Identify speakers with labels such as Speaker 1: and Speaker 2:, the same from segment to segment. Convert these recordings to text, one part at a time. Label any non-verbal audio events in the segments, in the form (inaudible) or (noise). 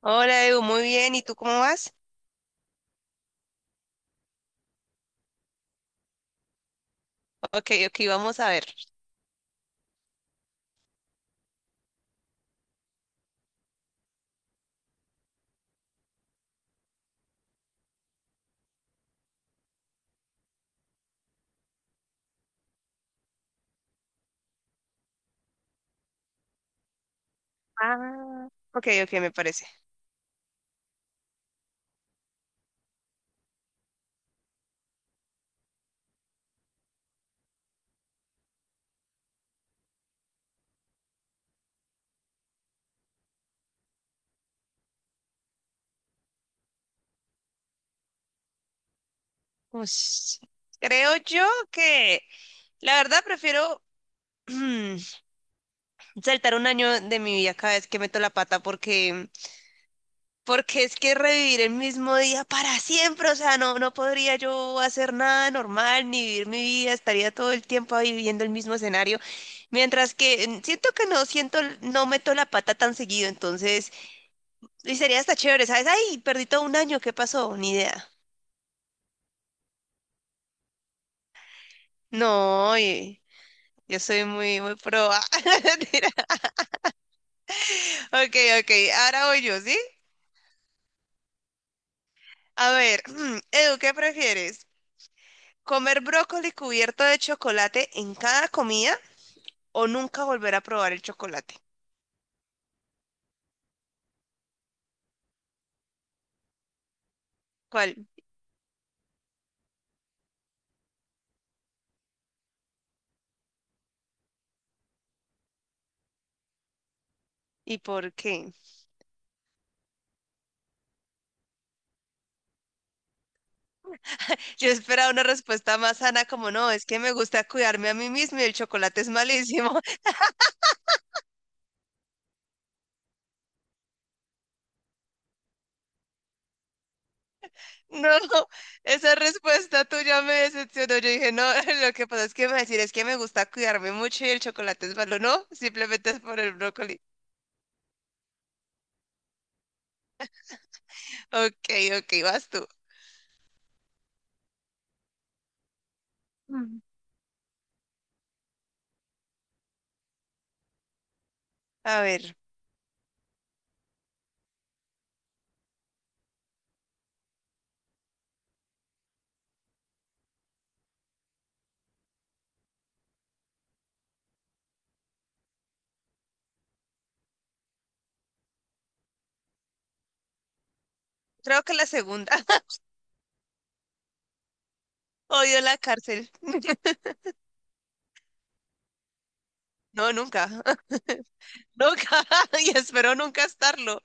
Speaker 1: Hola Edu, muy bien. ¿Y tú cómo vas? Ok, ok, vamos a ver. Ah, ok, ok, me parece. Ush. Creo yo que la verdad prefiero (clears throat) mm, saltar un año de mi vida cada vez que meto la pata porque es que revivir el mismo día para siempre, o sea, no, no podría yo hacer nada normal ni vivir mi vida, estaría todo el tiempo ahí viviendo el mismo escenario, mientras que siento que no siento, no meto la pata tan seguido, entonces... Y sería hasta chévere, ¿sabes? Ay, perdí todo un año, ¿qué pasó? Ni idea. No, yo soy muy, muy pro. Ah. (laughs) Mentira. Ok, ok, ahora voy yo, ¿sí? A ver, (clears throat) Edu, ¿qué prefieres? ¿Comer brócoli cubierto de chocolate en cada comida o nunca volver a probar el chocolate? ¿Cuál? ¿Y por qué? Yo esperaba una respuesta más sana como no, es que me gusta cuidarme a mí mismo y el chocolate es malísimo. No, esa respuesta tuya me decepcionó. Yo dije, no, (laughs) lo que pasa es que me va a decir es que me gusta cuidarme mucho y el chocolate es malo. No, simplemente es por el brócoli. Ok, ok, vas tú. Mm. A ver, creo que la segunda. (laughs) Odio la cárcel. (laughs) No, nunca, (laughs) nunca. (laughs) Y espero nunca estarlo.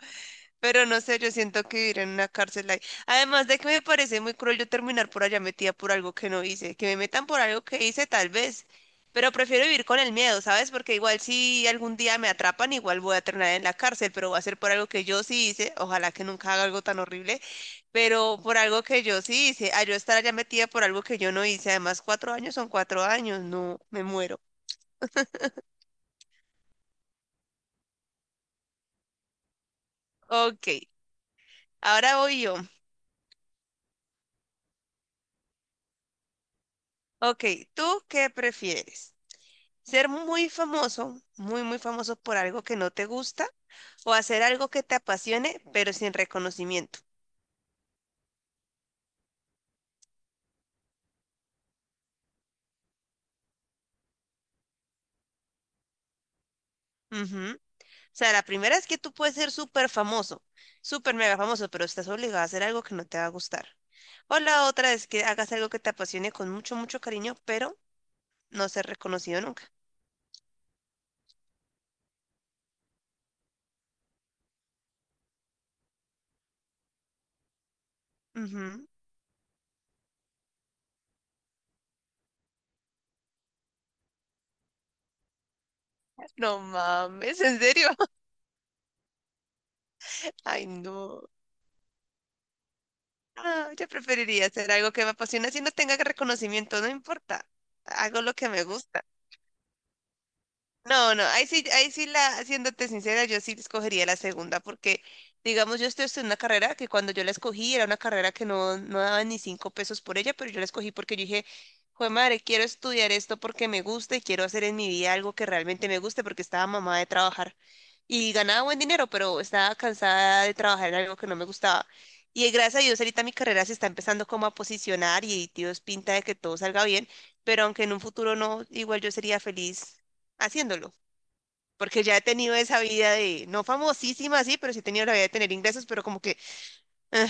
Speaker 1: Pero no sé, yo siento que vivir en una cárcel ahí. Además de que me parece muy cruel yo terminar por allá metida por algo que no hice. Que me metan por algo que hice, tal vez. Pero prefiero vivir con el miedo, ¿sabes? Porque igual si algún día me atrapan, igual voy a terminar en la cárcel, pero va a ser por algo que yo sí hice. Ojalá que nunca haga algo tan horrible, pero por algo que yo sí hice. A yo estar allá metida por algo que yo no hice. Además, 4 años son 4 años. No, me muero. Ok, ahora voy yo. Ok, ¿tú qué prefieres? Ser muy famoso, muy, muy famoso por algo que no te gusta o hacer algo que te apasione, pero sin reconocimiento. Ujú. O sea, la primera es que tú puedes ser súper famoso, súper mega famoso, pero estás obligado a hacer algo que no te va a gustar. O la otra es que hagas algo que te apasione con mucho, mucho cariño, pero no ser reconocido nunca. Ujú. No mames, ¿en serio? (laughs) Ay, no. Ah, yo preferiría hacer algo que me apasiona si no tenga reconocimiento, no importa. Hago lo que me gusta. No, no, ahí sí la, siéndote sincera, yo sí escogería la segunda, porque digamos, yo estoy en una carrera que cuando yo la escogí era una carrera que no, no daba ni 5 pesos por ella, pero yo la escogí porque yo dije, jue madre, quiero estudiar esto porque me gusta y quiero hacer en mi vida algo que realmente me guste porque estaba mamada de trabajar y ganaba buen dinero, pero estaba cansada de trabajar en algo que no me gustaba. Y gracias a Dios ahorita mi carrera se está empezando como a posicionar y Dios pinta de que todo salga bien, pero aunque en un futuro no, igual yo sería feliz haciéndolo, porque ya he tenido esa vida de, no famosísima, sí, pero sí he tenido la vida de tener ingresos, pero como que, ah,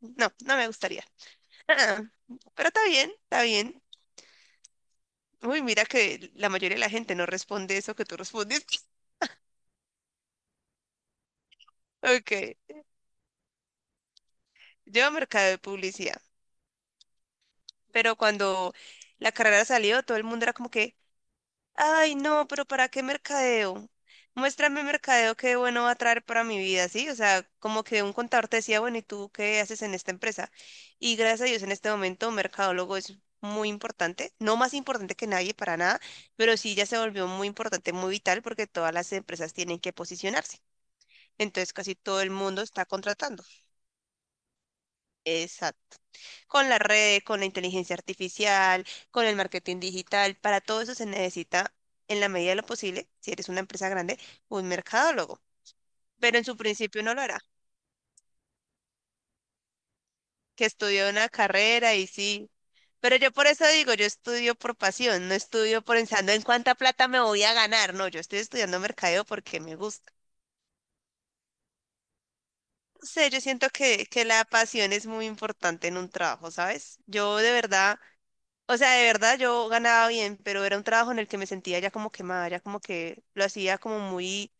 Speaker 1: no, no me gustaría. Ah, pero está bien, está bien. Uy, mira que la mayoría de la gente no responde eso que tú respondes. (laughs) Ok, yo mercado de publicidad, pero cuando la carrera salió, todo el mundo era como que, ay, no, pero ¿para qué mercadeo? Muéstrame mercadeo que bueno va a traer para mi vida, ¿sí? O sea, como que un contador te decía, bueno, ¿y tú qué haces en esta empresa? Y gracias a Dios en este momento mercadólogo es muy importante, no más importante que nadie para nada, pero sí ya se volvió muy importante, muy vital porque todas las empresas tienen que posicionarse. Entonces casi todo el mundo está contratando. Exacto, con las redes, con la inteligencia artificial, con el marketing digital. Para todo eso se necesita, en la medida de lo posible, si eres una empresa grande, un mercadólogo. Pero en su principio no lo era, que estudió una carrera y sí. Pero yo por eso digo, yo estudio por pasión, no estudio por pensando en cuánta plata me voy a ganar. No, yo estoy estudiando mercadeo porque me gusta. No sé, yo siento que la pasión es muy importante en un trabajo, ¿sabes? Yo de verdad... O sea, de verdad yo ganaba bien, pero era un trabajo en el que me sentía ya como quemada, ya como que lo hacía como muy,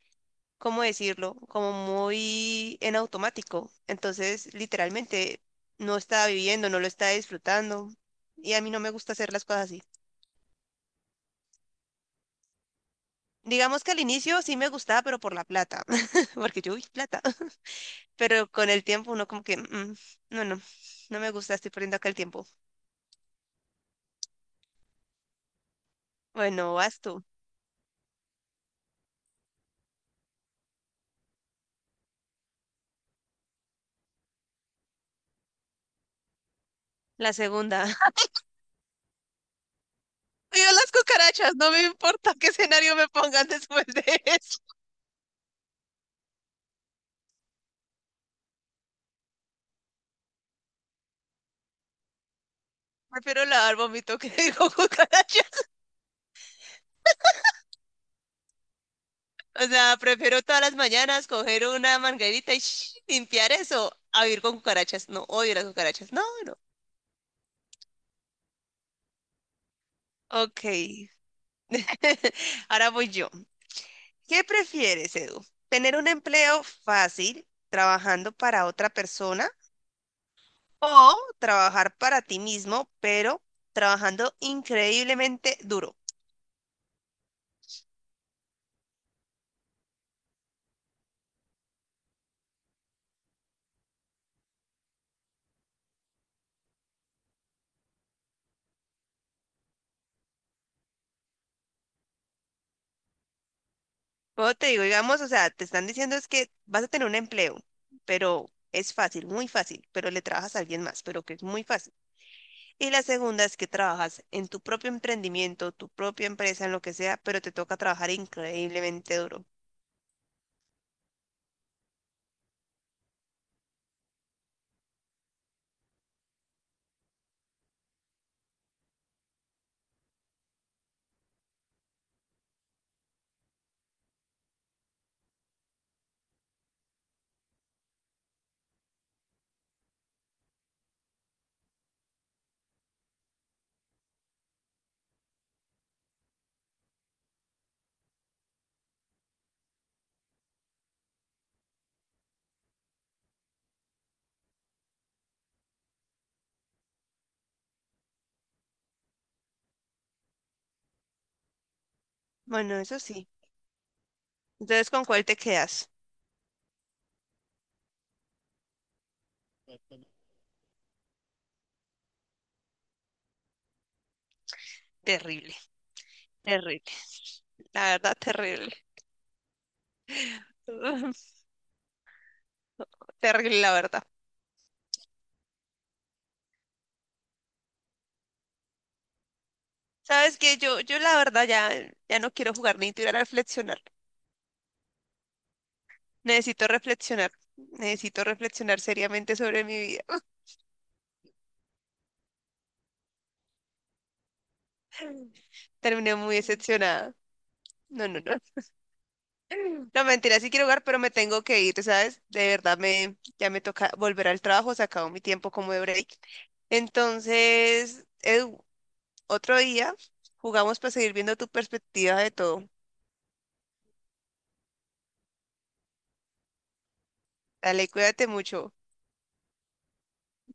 Speaker 1: ¿cómo decirlo? Como muy en automático. Entonces, literalmente, no estaba viviendo, no lo estaba disfrutando. Y a mí no me gusta hacer las cosas así. Digamos que al inicio sí me gustaba, pero por la plata, (laughs) porque yo, uy, plata. Pero con el tiempo uno como que, "Mm, mm, no, no, no me gusta, estoy perdiendo acá el tiempo". Bueno, vas tú. La segunda. Yo las cucarachas, no me importa qué escenario me pongan después de eso. Prefiero lavar vómito que (laughs) digo cucarachas. O sea, prefiero todas las mañanas coger una manguerita y limpiar eso a vivir con cucarachas. No, odio las cucarachas. No, no. Ok. (laughs) Ahora voy yo. ¿Qué prefieres, Edu? ¿Tener un empleo fácil trabajando para otra persona o trabajar para ti mismo, pero trabajando increíblemente duro? Pero te digo, digamos, o sea, te están diciendo es que vas a tener un empleo, pero es fácil, muy fácil, pero le trabajas a alguien más, pero que es muy fácil. Y la segunda es que trabajas en tu propio emprendimiento, tu propia empresa, en lo que sea, pero te toca trabajar increíblemente duro. Bueno, eso sí. Entonces, ¿con cuál te quedas? Terrible, terrible, la verdad, terrible. (laughs) Terrible, la verdad. ¿Sabes que yo la verdad ya, ya no quiero jugar ni tirar a reflexionar? Necesito reflexionar. Necesito reflexionar seriamente sobre mi vida. Terminé muy decepcionada. No, no, no. (laughs) No, mentira, sí quiero jugar, pero me tengo que ir, ¿sabes? De verdad me, ya me toca volver al trabajo, se acabó mi tiempo como de break. Entonces, Edu, otro día jugamos para seguir viendo tu perspectiva de todo. Dale, cuídate mucho.